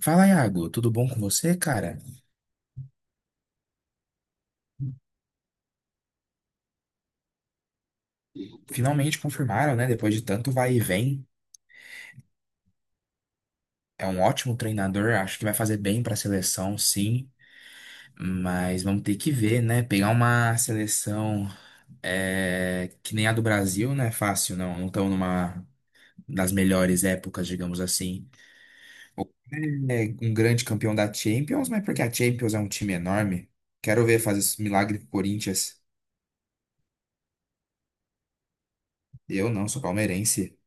Fala, Iago, tudo bom com você, cara? Finalmente confirmaram, né? Depois de tanto vai e vem. É um ótimo treinador, acho que vai fazer bem para a seleção, sim. Mas vamos ter que ver, né? Pegar uma seleção que nem a do Brasil não é fácil, não. Não estão numa das melhores épocas, digamos assim. É um grande campeão da Champions, mas porque a Champions é um time enorme. Quero ver fazer esse milagre pro Corinthians. Eu não, sou palmeirense.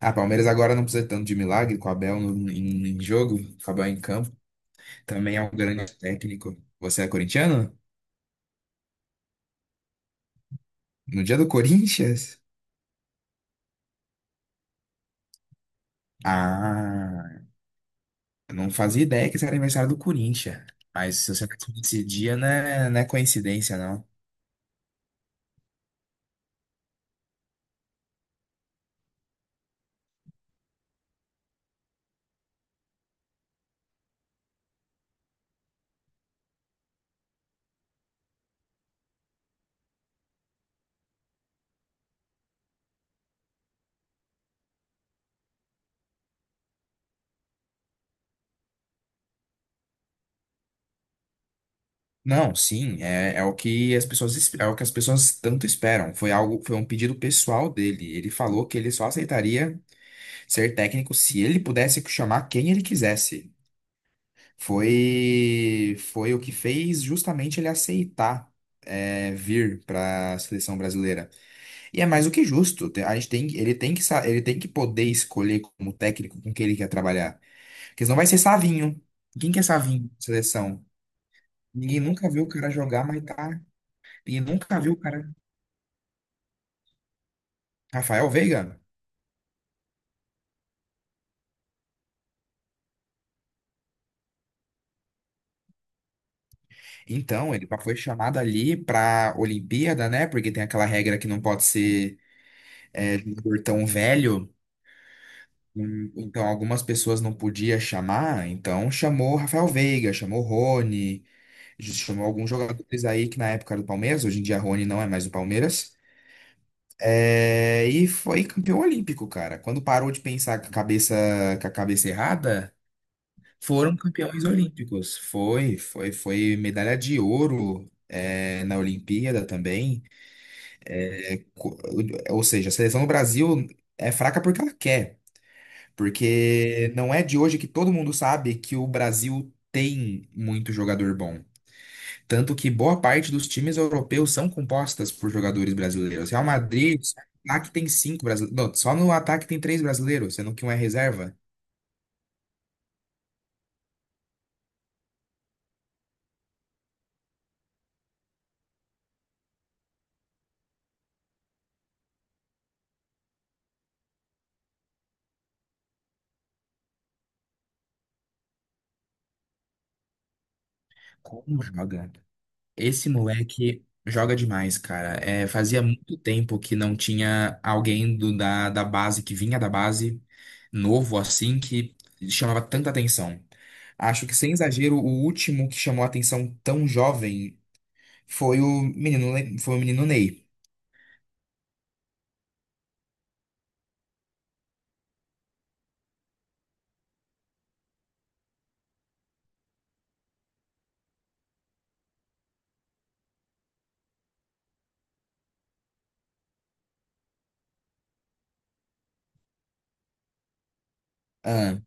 Ah, Palmeiras agora não precisa tanto de milagre com o Abel no, em, em jogo, com o Abel em campo. Também é um grande técnico. Você é corintiano? No dia do Corinthians? Ah, eu não fazia ideia que esse era aniversário do Corinthians. Mas se você nasceu dia, não é coincidência, não. Não, sim, é o que as pessoas, é o que as pessoas tanto esperam. Foi algo, foi um pedido pessoal dele. Ele falou que ele só aceitaria ser técnico se ele pudesse chamar quem ele quisesse. Foi o que fez justamente ele aceitar vir para a seleção brasileira. E é mais do que justo. A gente tem, ele tem que ele tem que poder escolher como técnico com quem ele quer trabalhar. Porque senão vai ser Savinho. Quem que é Savinho? Seleção. Ninguém nunca viu o cara jogar, mas tá. Ninguém nunca viu o cara. Rafael Veiga. Então, ele foi chamado ali pra Olimpíada, né? Porque tem aquela regra que não pode ser jogador tão velho. Então, algumas pessoas não podia chamar, então chamou o Rafael Veiga, chamou o Rony, chamou alguns jogadores aí que na época era do Palmeiras, hoje em dia Rony não é mais do Palmeiras. É, e foi campeão olímpico, cara. Quando parou de pensar com a cabeça errada, foram campeões olímpicos. Foi medalha de ouro, na Olimpíada também. Co- Ou seja, a seleção do Brasil é fraca porque ela quer. Porque não é de hoje que todo mundo sabe que o Brasil tem muito jogador bom. Tanto que boa parte dos times europeus são compostas por jogadores brasileiros. Real Madrid, só no ataque tem cinco brasileiros. Não, só no ataque tem três brasileiros, sendo que um é reserva. Como joga? Esse moleque joga demais, cara. É, fazia muito tempo que não tinha alguém da base, que vinha da base, novo assim, que chamava tanta atenção. Acho que, sem exagero, o último que chamou atenção tão jovem foi o menino, foi o menino Ney. Ah,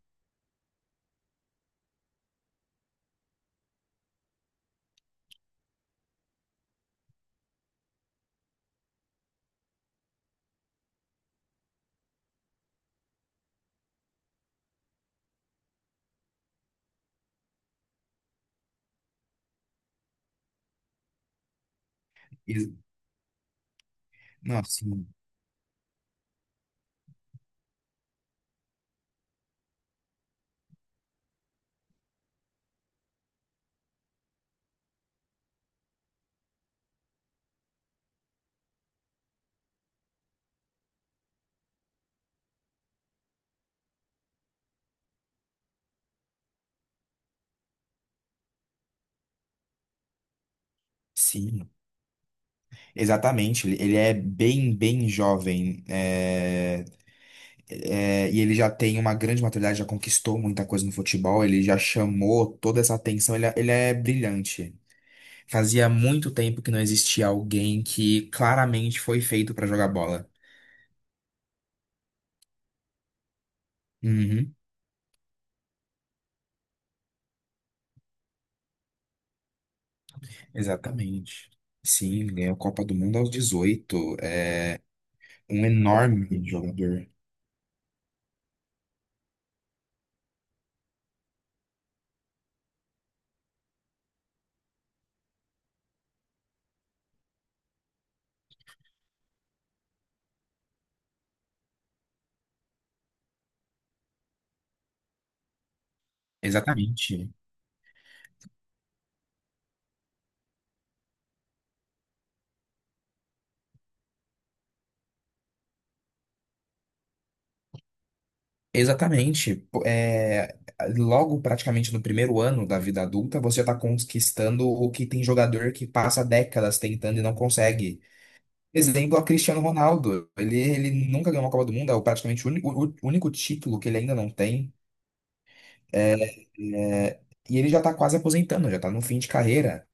ex- não, sim, sim, Exatamente. Ele é bem jovem. E ele já tem uma grande maturidade, já conquistou muita coisa no futebol, ele já chamou toda essa atenção, ele é brilhante. Fazia muito tempo que não existia alguém que claramente foi feito para jogar bola. Uhum, exatamente. Sim, ganhou a Copa do Mundo aos 18. É um enorme jogador. Exatamente. Exatamente. Pô, logo, praticamente no primeiro ano da vida adulta, você já está conquistando o que tem jogador que passa décadas tentando e não consegue. Exemplo a Cristiano Ronaldo. Ele nunca ganhou uma Copa do Mundo, é o praticamente o único título que ele ainda não tem. É, é, e ele já tá quase aposentando, já tá no fim de carreira.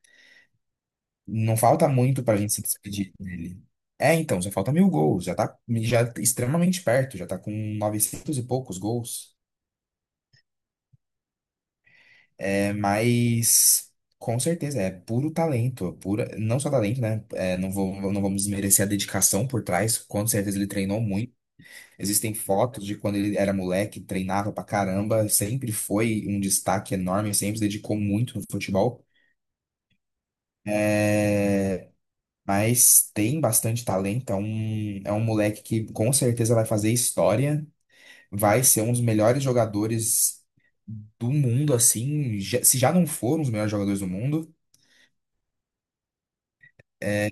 Não falta muito pra gente se despedir dele. É, então, já falta 1.000 gols, já tá extremamente perto, já tá com 900 e poucos gols. É, mas com certeza é puro talento, pura, não só talento, né? É, não vou, não vamos desmerecer a dedicação por trás, com certeza ele treinou muito. Existem fotos de quando ele era moleque, treinava pra caramba, sempre foi um destaque enorme, sempre se dedicou muito no futebol. É, Mas tem bastante talento, é um moleque que com certeza vai fazer história, vai ser um dos melhores jogadores do mundo, assim, se já não for um dos melhores jogadores do mundo. É,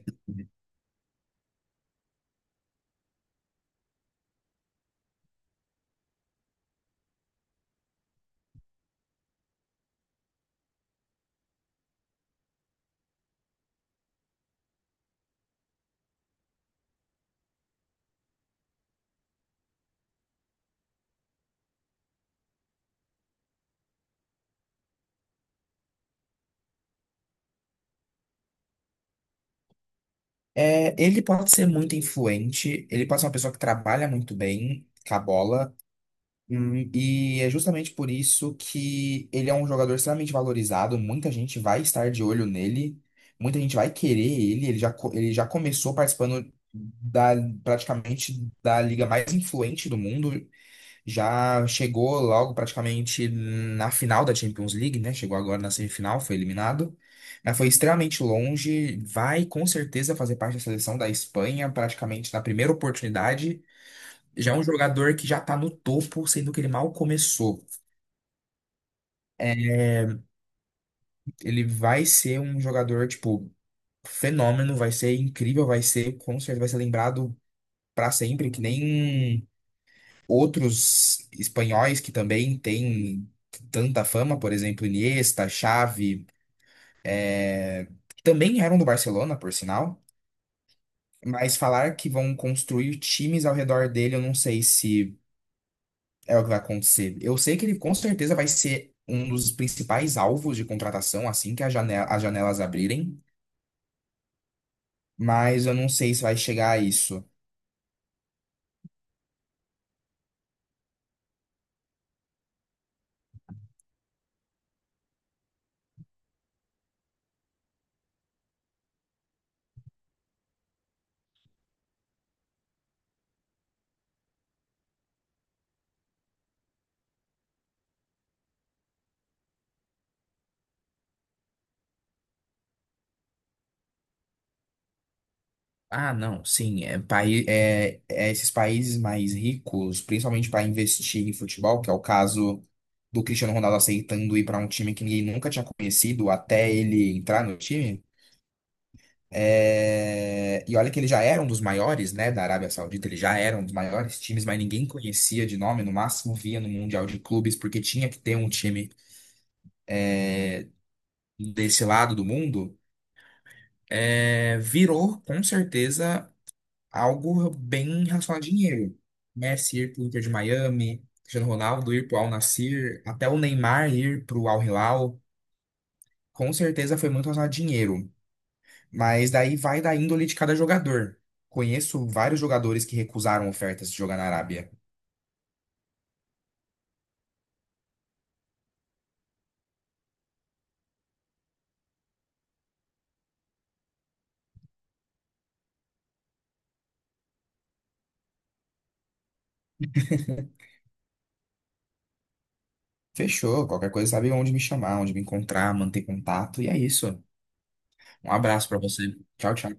ele pode ser muito influente, ele pode ser uma pessoa que trabalha muito bem com a bola. E é justamente por isso que ele é um jogador extremamente valorizado. Muita gente vai estar de olho nele, muita gente vai querer ele. Ele já começou participando da, praticamente da liga mais influente do mundo. Já chegou logo praticamente na final da Champions League, né? Chegou agora na semifinal, foi eliminado. Mas foi extremamente longe. Vai com certeza fazer parte da seleção da Espanha, praticamente na primeira oportunidade. Já é um jogador que já tá no topo, sendo que ele mal começou. É, Ele vai ser um jogador, tipo, fenômeno, vai ser incrível, vai ser, com certeza, vai ser lembrado pra sempre, que nem outros espanhóis que também têm tanta fama, por exemplo, Iniesta, Xavi, é, que também eram do Barcelona, por sinal. Mas falar que vão construir times ao redor dele, eu não sei se é o que vai acontecer. Eu sei que ele com certeza vai ser um dos principais alvos de contratação assim que as janelas abrirem, mas eu não sei se vai chegar a isso. Ah, não, sim, é esses países mais ricos, principalmente para investir em futebol, que é o caso do Cristiano Ronaldo aceitando ir para um time que ninguém nunca tinha conhecido até ele entrar no time. É, e olha que ele já era um dos maiores, né, da Arábia Saudita, ele já era um dos maiores times, mas ninguém conhecia de nome, no máximo via no Mundial de Clubes, porque tinha que ter um time desse lado do mundo. É, virou, com certeza, algo bem relacionado a dinheiro. Messi ir pro Inter de Miami, Cristiano Ronaldo ir pro Al Nassr, até o Neymar ir pro Al Hilal, com certeza foi muito relacionado a dinheiro. Mas daí vai da índole de cada jogador. Conheço vários jogadores que recusaram ofertas de jogar na Arábia. Fechou, qualquer coisa sabe onde me chamar, onde me encontrar, manter contato, e é isso. Um abraço pra você. Tchau, tchau.